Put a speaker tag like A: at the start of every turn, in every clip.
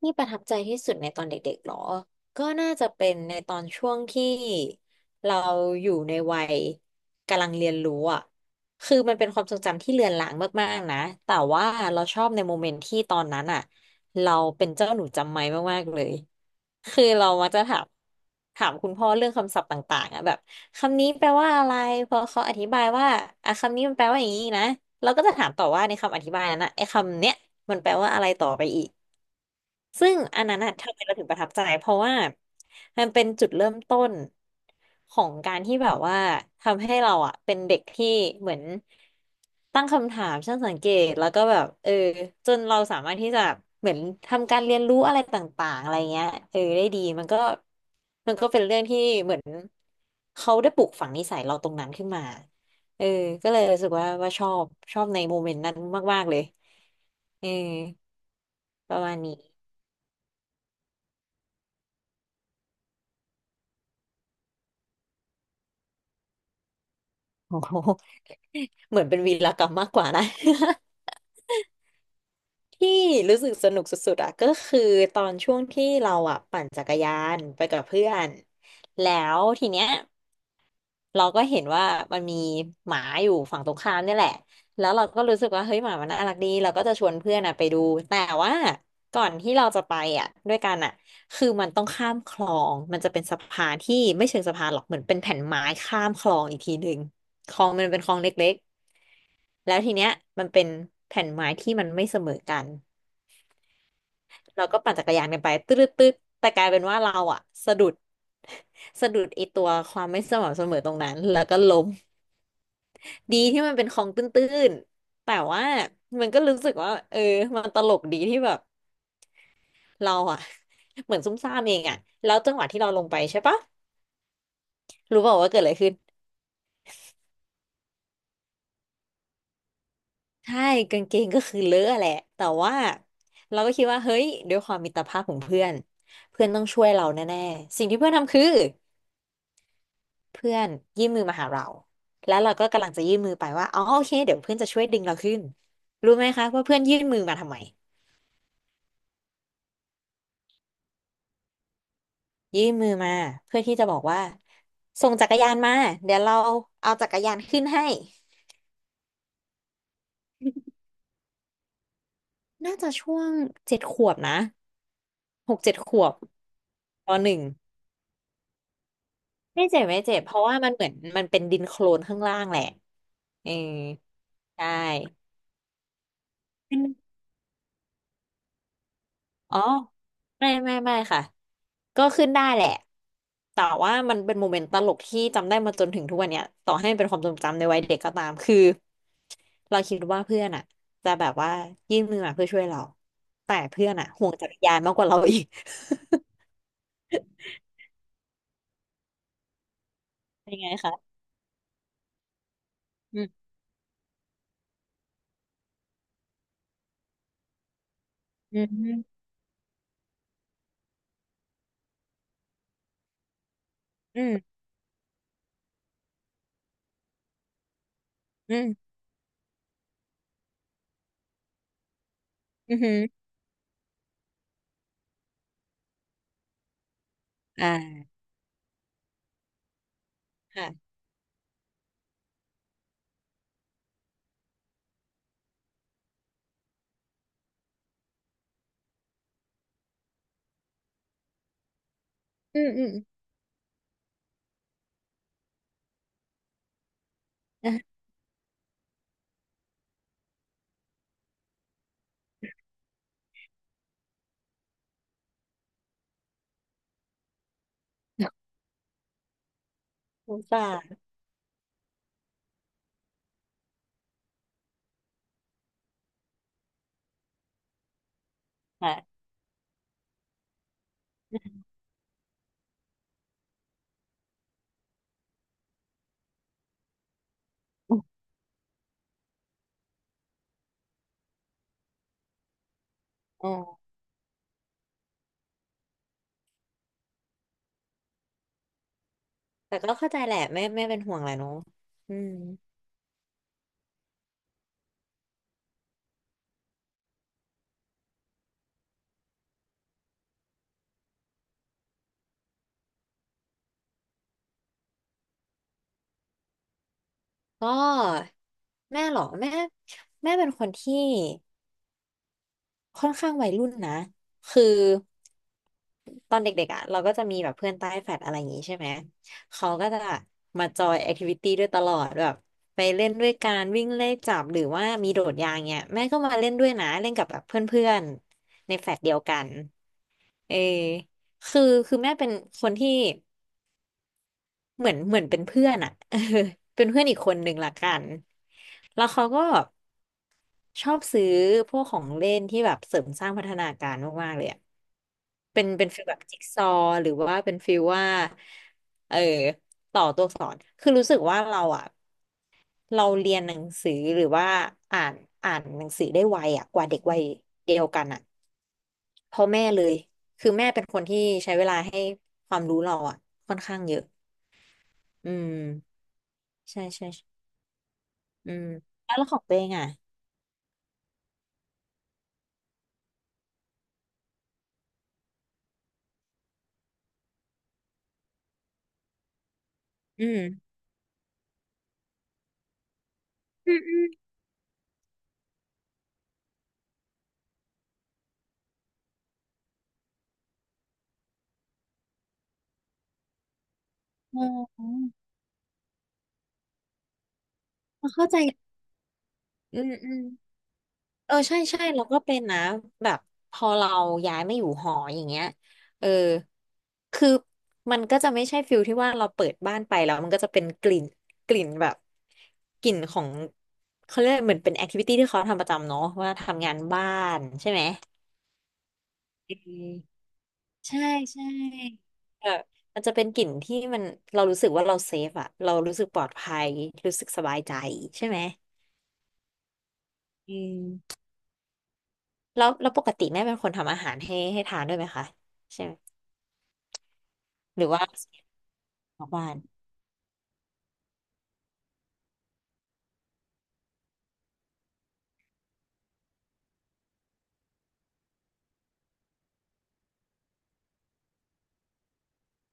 A: ที่ประทับใจที่สุดในตอนเด็กๆหรอก็น่าจะเป็นในตอนช่วงที่เราอยู่ในวัยกำลังเรียนรู้อ่ะคือมันเป็นความทรงจำที่เลือนลางมากๆนะแต่ว่าเราชอบในโมเมนต์ที่ตอนนั้นอ่ะเราเป็นเจ้าหนูจำไม้มากๆเลยคือเรามักจะถามคุณพ่อเรื่องคำศัพท์ต่างๆอ่ะแบบคำนี้แปลว่าอะไรพอเขาอธิบายว่าอ่ะคำนี้มันแปลว่าอย่างนี้นะเราก็จะถามต่อว่าในคำอธิบายนั้นนะไอ้คำเนี้ยมันแปลว่าอะไรต่อไปอีก ซึ่งอันนั้นอะทำไมเราถึงประทับใจเพราะว่ามันเป็นจุดเริ่มต้นของการที่แบบว่าทำให้เราอะเป็นเด็กที่เหมือนตั้งคำถามช่างสังเกตแล้วก็แบบเออจนเราสามารถที่จะเหมือนทำการเรียนรู้อะไรต่างๆอะไรเงี้ยเออได้ดีมันก็เป็นเรื่องที่เหมือนเขาได้ปลูกฝังนิสัยเราตรงนั้นขึ้นมาเออก็เลยรู้สึกว่าชอบในโมเมนต์นั้นมากๆเลยเออประมาณนี้ โอ้โห เหมือนเป็นวีรกรรมมากกว่านะ ที่รู้สึกสนุกสุดๆอะก็คือตอนช่วงที่เราอะปั่นจักรยานไปกับเพื่อนแล้วทีเนี้ยเราก็เห็นว่ามันมีหมาอยู่ฝั่งตรงข้ามเนี่ยแหละแล้วเราก็รู้สึกว่าเฮ้ยหมามันน่ารักดีเราก็จะชวนเพื่อนอะไปดูแต่ว่าก่อนที่เราจะไปอะด้วยกันอะคือมันต้องข้ามคลองมันจะเป็นสะพานที่ไม่เชิงสะพานหรอกเหมือนเป็นแผ่นไม้ข้ามคลองอีกทีหนึ่งคลองมันเป็นคลองเล็ก แล้วทีเนี้ยมันเป็นแผ่นไม้ที่มันไม่เสมอกันเราก็ปั่นจักรยานกันไปตืดตืดแต่กลายเป็นว่าเราอะสะดุด สะดุดไอตัวความไม่สม่ำเสมอตรงนั้นแล้วก็ล้มดีที่มันเป็นคลองตื้นๆแต่ว่ามันก็รู้สึกว่าเออมันตลกดีที่แบบเราอะ เหมือนซุ่มซ่ามเองอะแล้วจังหวะที่เราลงไปใช่ปะรู้เปล่าว่าเกิดอะไรขึ้น ใช่กางเกงก็คือเลอะแหละแต่ว่าเราก็คิดว่าเฮ้ยด้วยความมิตรภาพของเพื่อนเพื่อนต้องช่วยเราแน่ๆสิ่งที่เพื่อนทำคือเพื่อนยื่นมือมาหาเราแล้วเราก็กำลังจะยื่นมือไปว่าอ๋อโอเคเดี๋ยวเพื่อนจะช่วยดึงเราขึ้นรู้ไหมคะว่าเพื่อนยื่นมือมาทำไมยื่นมือมาเพื่อที่จะบอกว่าส่งจักรยานมาเดี๋ยวเราเอาจักรยานขึ้นให้น่าจะช่วงเจ็ดขวบนะหกเจ็ดขวบปหนึ่ง ไม่เจ็บไม่เจ็บเพราะว่ามันเหมือนมันเป็นดินโคลนข้างล่างแหละเออใช่ขึ้นอ๋อไม่ไม่ไม่ค่ะก็ขึ้นได้แหละแต่ว่ามันเป็นโมเมนต์ตลกที่จำได้มาจนถึงทุกวันเนี้ยต่อให้มันเป็นความทรงจำในวัยเด็กก็ตามคือเราคิดว่าเพื่อนอ่ะจะแบบว่ายื่นมือมาเพื่อช่วยเราแต่เพื่อนอ่ะห่วงจักรยานมากกว่าเราอีก เป็นไงคะอืมอืมอืมอืมอืมอมอ่าค่ะอืมอืมอ่ะ สงสาร ค่ะ ออแต่ก็เข้าใจแหละแม่เป็นห่วงแหละเนาะอืมก็แม่เหรอแม่แม่เป็นคนที่ค่อนข้างวัยรุ่นนะคือตอนเด็กๆอ่ะเราก็จะมีแบบเพื่อนใต้แฟลตอะไรอย่างงี้ใช่ไหมเขาก็จะมาจอยแอคทิวิตี้ด้วยตลอดแบบไปเล่นด้วยการวิ่งเลขจับหรือว่ามีโดดยางเนี่ยแม่ก็มาเล่นด้วยนะเล่นกับแบบเพื่อนๆในแฟลตเดียวกันเออคือคือแม่เป็นคนที่ เหมือนเป็นเพื่อนอะ เออเป็นเพื่อนอีกคนหนึ่งละกัน แล้วเขาก็ชอบซื้อพวกของเล่นที่แบบเสริมสร้างพัฒนาการมากๆเลยอะเป็นฟีลแบบจิ๊กซอว์หรือว่าเป็นฟีลว่าเออต่อตัวอักษรคือรู้สึกว่าเราอะเราเรียนหนังสือหรือว่าอ่านอ่านหนังสือได้ไวอะกว่าเด็กวัยเดียวกันอะเพราะแม่เลยคือแม่เป็นคนที่ใช้เวลาให้ความรู้เราอะค่อนข้างเยอะอืมใช่ใช่ใช่ อืมแล้วของตัวเองอ่ะอืมอืมอืมอ๋อเเข้าใจอืมอืมเออใช่ใช่เราก็เป็นนะแบบพอเราย้ายมาอยู่หออย่างเงี้ยเออคือมันก็จะไม่ใช่ฟิลที่ว่าเราเปิดบ้านไปแล้วมันก็จะเป็นกลิ่นกลิ่นแบบกลิ่นของเขาเรียกเหมือนเป็นแอคทิวิตี้ที่เขาทำประจำเนาะว่าทำงานบ้านใช่ไหม ใช่ใช่เออมันจะเป็นกลิ่นที่มันเรารู้สึกว่าเราเซฟอะเรารู้สึกปลอดภัยรู้สึกสบายใจใช่ไหมอืมแล้วปกติแม่เป็นคนทำอาหารให้ทานด้วยไหมคะใช่ไหมหรือว่าออกบ้าน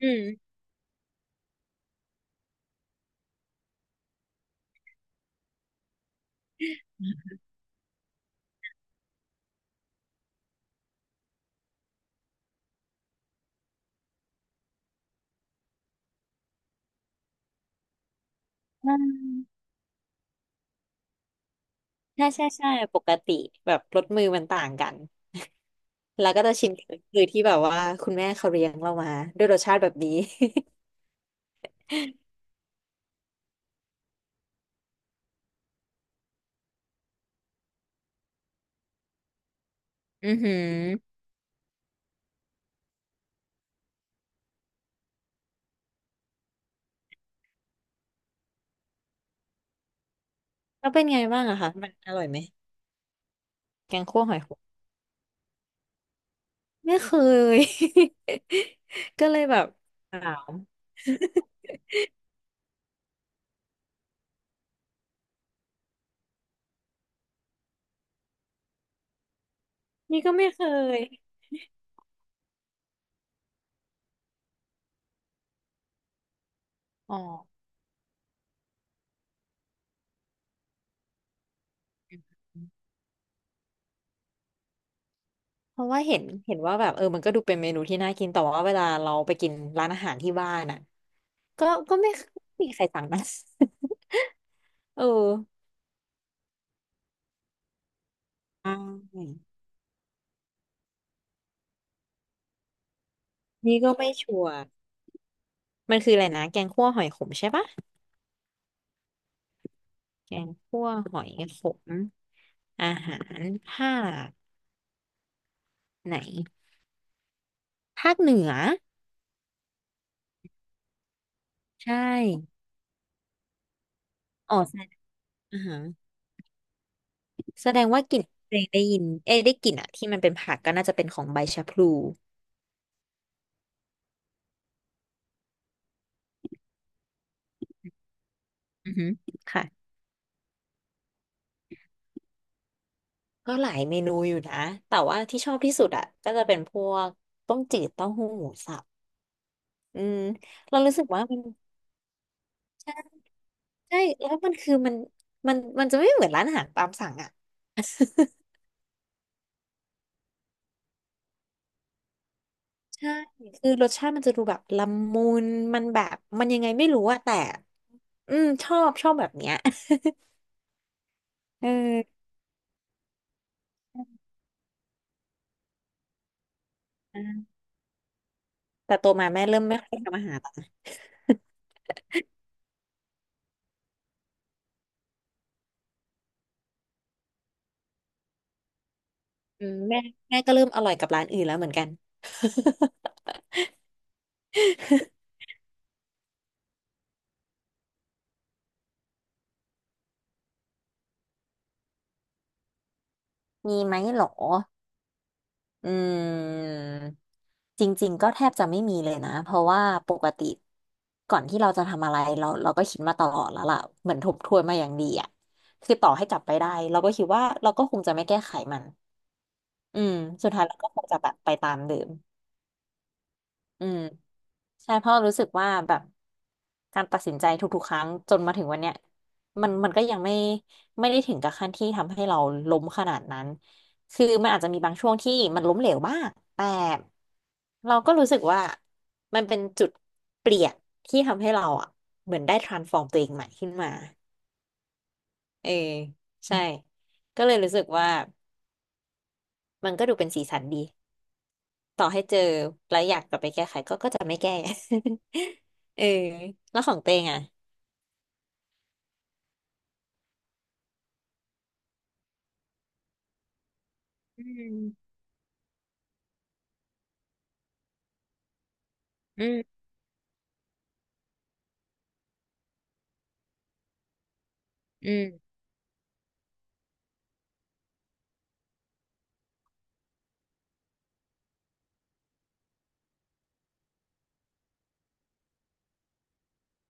A: อืมอืมใช่ใช่ใช่ปกติแบบรสมือมันต่างกันแล้วก็จะชิมคือที่แบบว่าคุณแม่เขาเลี้ยงเรามาด้วยรสชาติแบบนี้ อือหือแล้วเป็นไงบ้างอะคะมันอร่อยไหมแกงคั่วหอย ไม่เคย ก็เลยแบบถามนี่ก็ไม่เคยอ๋อเพราะว่าเห็นว่าแบบเออมันก็ดูเป็นเมนูที่น่ากินแต่ว่าเวลาเราไปกินร้านอาหารที่บ้านอ่ะก็ไม่มีใครสั่งนะ เออใช่นี่ก็ไม่ชัวร์มันคืออะไรนะแกงคั่วหอยขมใช่ปะแกงคั่วหอยขมอาหารภาคไหน ภาคเหนือใช่อ๋อใช่อาหาร แสดงว่ากลิ่นเพลงได้ยินเอ้ยได้กลิ่นอะที่มันเป็นผักก็น่าจะเป็นของใบชะพลูอือฮึค่ะก็หลายเมนูอยู่นะแต่ว่าที่ชอบที่สุดอ่ะก็จะเป็นพวกต้มจืดเต้าหู้หมูสับอืมเรารู้สึกว่ามันใช่ใช่แล้วมันคือมันจะไม่เหมือนร้านอาหารตามสั่งอ่ะใช่คือรสชาติมันจะดูแบบละมุนมันแบบมันยังไงไม่รู้อะแต่อืมชอบชอบแบบเนี้ย เออแต่โตมาแม่เริ่มไม่ค่อยทำอาหาร อืมแม่ก็เริ่มอร่อยกับร้านอื่นแล้วเหมือนกัน มีไหมหรออืมจริงๆก็แทบจะไม่มีเลยนะเพราะว่าปกติก่อนที่เราจะทำอะไรเราก็คิดมาตลอดแล้วล่ะเหมือนทบทวนมาอย่างดีอ่ะคือต่อให้กลับไปได้เราก็คิดว่าเราก็คงจะไม่แก้ไขมันอืมสุดท้ายเราก็คงจะแบบไปตามเดิม อืมใช่เพราะรู้สึกว่าแบบการตัดสินใจทุกๆครั้งจนมาถึงวันเนี้ยมันก็ยังไม่ได้ถึงกับขั้นที่ทำให้เราล้มขนาดนั้นคือมันอาจจะมีบางช่วงที่มันล้มเหลวบ้างแต่เราก็รู้สึกว่ามันเป็นจุดเปลี่ยนที่ทำให้เราอ่ะเหมือนได้ transform ตัวเองใหม่ขึ้นมาเออใช่ก็เลยรู้สึกว่ามันก็ดูเป็นสีสันดีต่อให้เจอแล้วจะไม่แก้ เออแล้วของเตงอ่ะ อืมอืมอืม